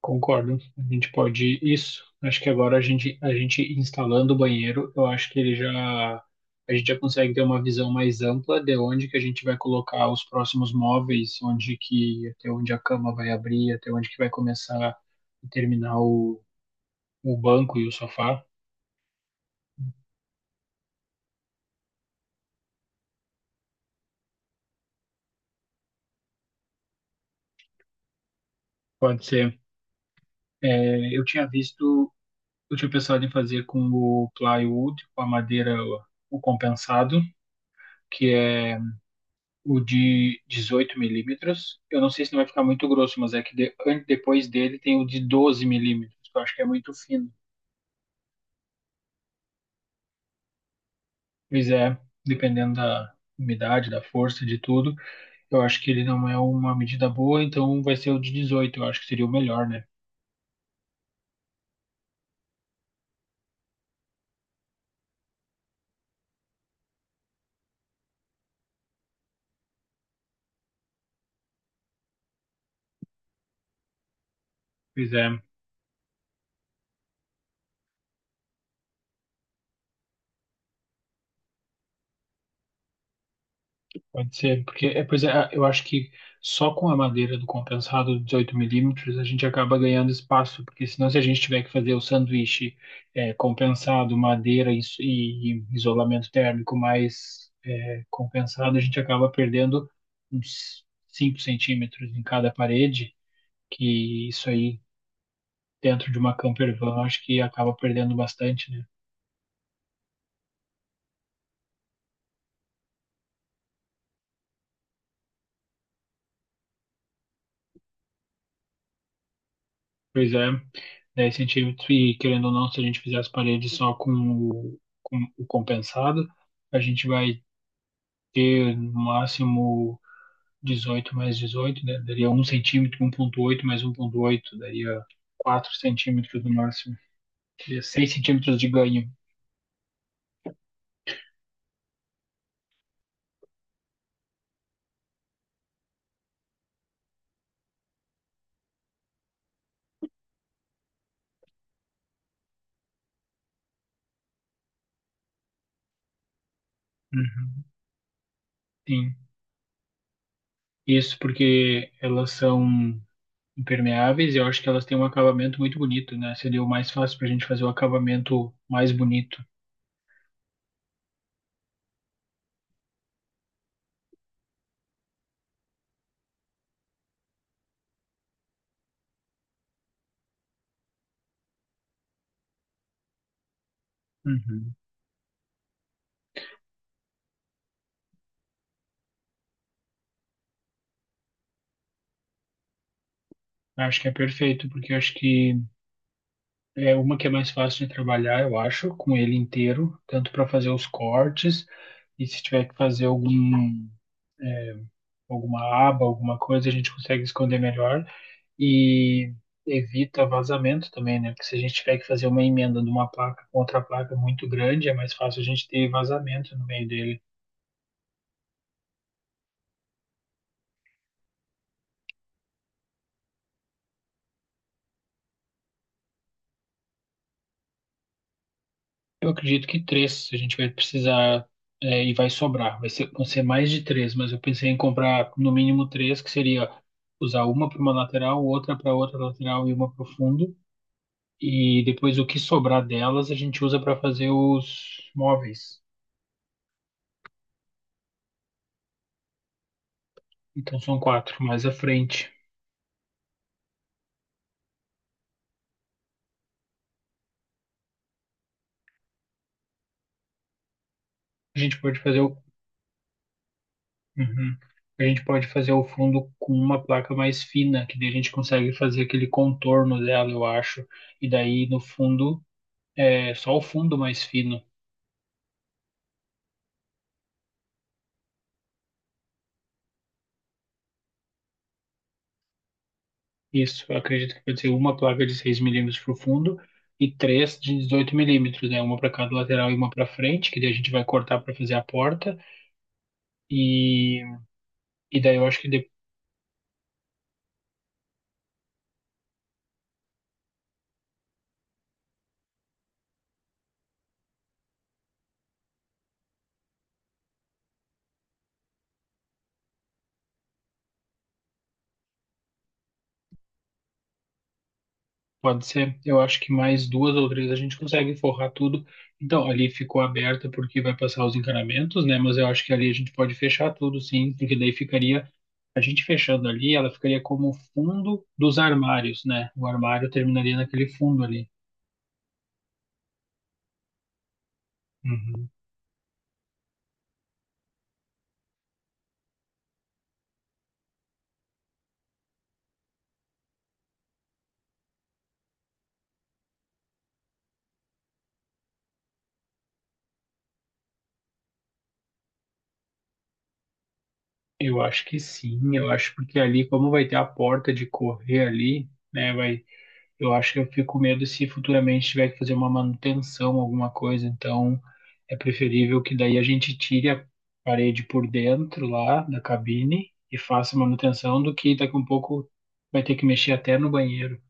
Concordo, a gente pode isso. Acho que agora a gente instalando o banheiro, eu acho que ele já a gente já consegue ter uma visão mais ampla de onde que a gente vai colocar os próximos móveis, onde que até onde a cama vai abrir, até onde que vai começar e terminar o banco e o sofá. Pode ser. É, eu tinha pensado em fazer com o plywood, com a madeira o compensado, que é o de 18 mm. Eu não sei se não vai ficar muito grosso, mas é que depois dele tem o de 12 mm, que eu acho que é muito fino. Mas é, dependendo da umidade, da força, de tudo, eu acho que ele não é uma medida boa, então vai ser o de 18 eu acho que seria o melhor, né? Pois é. Pode ser, porque pois é, eu acho que só com a madeira do compensado de 18 mm a gente acaba ganhando espaço, porque senão se a gente tiver que fazer o sanduíche compensado, madeira e isolamento térmico mais compensado, a gente acaba perdendo uns 5 cm em cada parede, que isso aí dentro de uma camper van eu acho que acaba perdendo bastante, né? Pois é, é incentivo que, querendo ou não, se a gente fizer as paredes só com o compensado, a gente vai ter no máximo 18 mais 18, né? Daria 1,8 mais 1,8 daria 4 cm no máximo, daria 6 centímetros de ganho. Uhum. Sim. Isso porque elas são impermeáveis e eu acho que elas têm um acabamento muito bonito, né? Seria o mais fácil para a gente fazer o acabamento mais bonito. Uhum. Acho que é perfeito, porque eu acho que é uma que é mais fácil de trabalhar, eu acho, com ele inteiro, tanto para fazer os cortes e se tiver que fazer é, alguma aba, alguma coisa, a gente consegue esconder melhor e evita vazamento também, né? Porque se a gente tiver que fazer uma emenda de uma placa com outra placa muito grande, é mais fácil a gente ter vazamento no meio dele. Eu acredito que três a gente vai precisar e vai sobrar. Vão ser mais de três, mas eu pensei em comprar no mínimo três, que seria usar uma para uma lateral, outra para outra lateral e uma para o fundo. E depois o que sobrar delas a gente usa para fazer os móveis. Então são quatro, mais à frente. A gente pode fazer o, Uhum. A gente pode fazer o fundo com uma placa mais fina, que daí a gente consegue fazer aquele contorno dela, eu acho. E daí no fundo é só o fundo mais fino. Isso, eu acredito que pode ser uma placa de 6 mm para o fundo e três de 18 milímetros, né? Uma para cada lateral e uma para frente, que daí a gente vai cortar para fazer a porta. E, e daí eu acho que pode ser, eu acho que mais duas ou três a gente consegue forrar tudo. Então, ali ficou aberta porque vai passar os encanamentos, né? Mas eu acho que ali a gente pode fechar tudo, sim, porque daí ficaria, a gente fechando ali, ela ficaria como fundo dos armários, né? O armário terminaria naquele fundo ali. Uhum. Eu acho que sim, eu acho porque ali, como vai ter a porta de correr ali, né, eu acho que eu fico com medo se futuramente tiver que fazer uma manutenção, alguma coisa, então é preferível que daí a gente tire a parede por dentro lá da cabine e faça manutenção do que daqui a um pouco vai ter que mexer até no banheiro.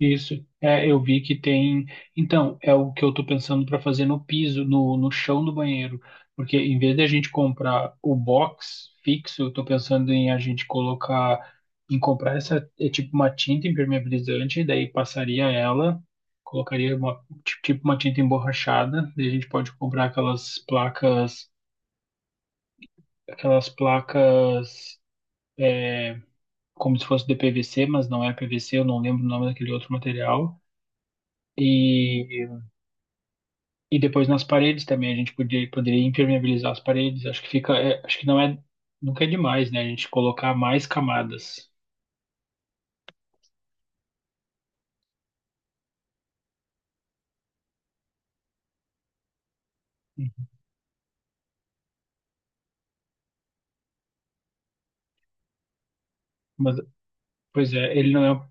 Isso, eu vi que tem. Então, é o que eu tô pensando para fazer no piso, no chão do banheiro. Porque em vez de a gente comprar o box fixo, eu tô pensando em a gente colocar, em comprar essa, é tipo uma tinta impermeabilizante, daí passaria ela, colocaria tipo uma tinta emborrachada, daí a gente pode comprar aquelas placas, é, como se fosse de PVC, mas não é PVC, eu não lembro o nome daquele outro material. e E depois nas paredes também a gente poderia impermeabilizar as paredes. Acho que fica, acho que não é, nunca é demais, né? A gente colocar mais camadas. Mas, pois é, ele não é.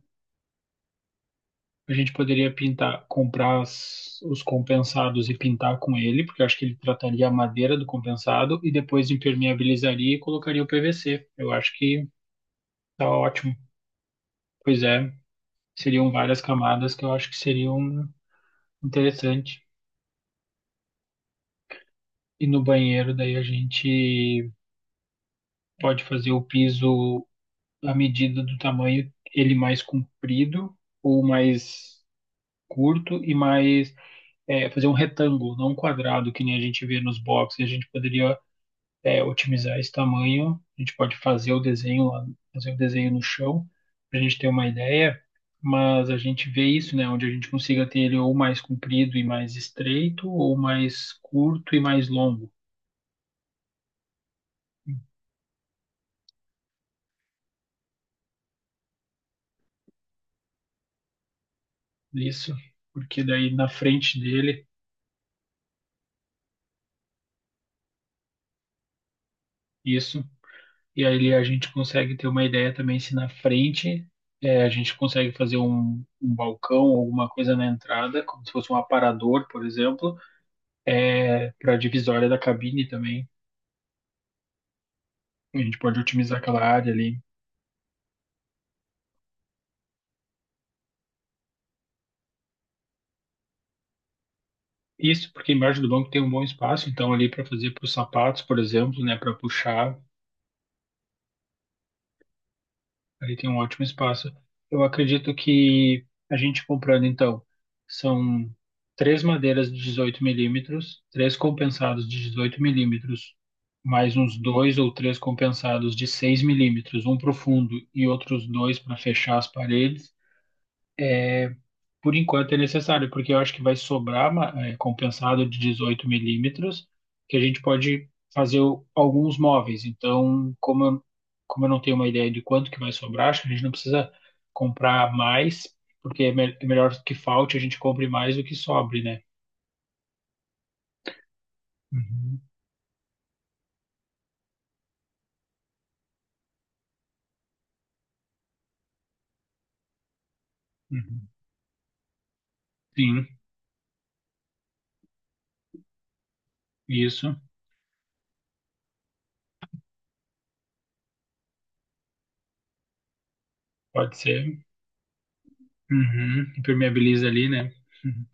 A gente poderia pintar, comprar os compensados e pintar com ele, porque eu acho que ele trataria a madeira do compensado e depois impermeabilizaria e colocaria o PVC. Eu acho que tá ótimo. Pois é, seriam várias camadas que eu acho que seriam interessante. E no banheiro, daí a gente pode fazer o piso à medida do tamanho, ele mais comprido ou mais curto e mais fazer um retângulo, não um quadrado, que nem a gente vê nos boxes. A gente poderia otimizar esse tamanho, a gente pode fazer o desenho lá, fazer o desenho no chão, para a gente ter uma ideia, mas a gente vê isso, né, onde a gente consiga ter ele ou mais comprido e mais estreito, ou mais curto e mais longo. Isso, porque daí na frente dele, isso. E aí a gente consegue ter uma ideia também se na frente a gente consegue fazer um balcão, alguma coisa na entrada, como se fosse um aparador, por exemplo, para a divisória da cabine também. A gente pode otimizar aquela área ali. Isso, porque embaixo do banco tem um bom espaço, então ali para fazer para os sapatos, por exemplo, né, para puxar. Aí tem um ótimo espaço. Eu acredito que a gente comprando, então, são três madeiras de 18 milímetros, três compensados de 18 milímetros, mais uns dois ou três compensados de 6 mm, um para o fundo e outros dois para fechar as paredes, por enquanto é necessário, porque eu acho que vai sobrar compensado de 18 milímetros, que a gente pode fazer alguns móveis. Então, como eu não tenho uma ideia de quanto que vai sobrar, acho que a gente não precisa comprar mais, porque é melhor que falte, a gente compre mais do que sobre, né? Uhum, uhum. Sim, isso, pode ser. Uhum. Impermeabiliza ali, né? Uhum.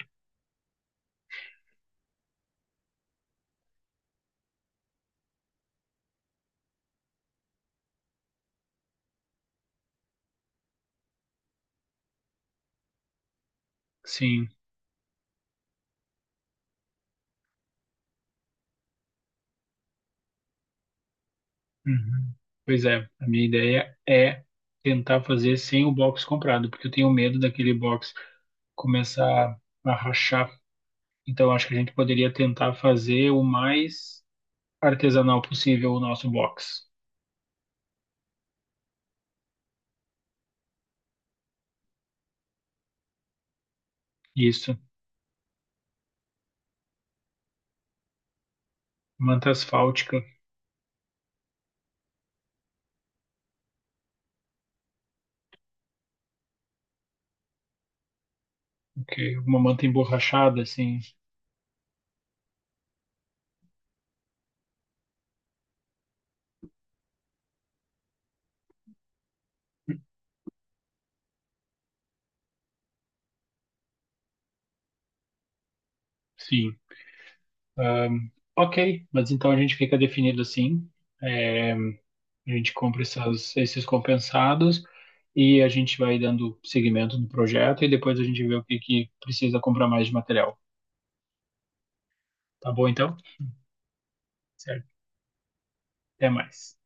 Sim. Uhum. Pois é, a minha ideia é tentar fazer sem o box comprado, porque eu tenho medo daquele box começar a rachar. Então acho que a gente poderia tentar fazer o mais artesanal possível o nosso box. Isso, manta asfáltica. Ok, uma manta emborrachada, assim. Sim. Ok, mas então a gente fica definido assim. É, A gente compra esses compensados e a gente vai dando seguimento no projeto e depois a gente vê o que que precisa comprar mais de material. Tá bom, então? Certo. Até mais.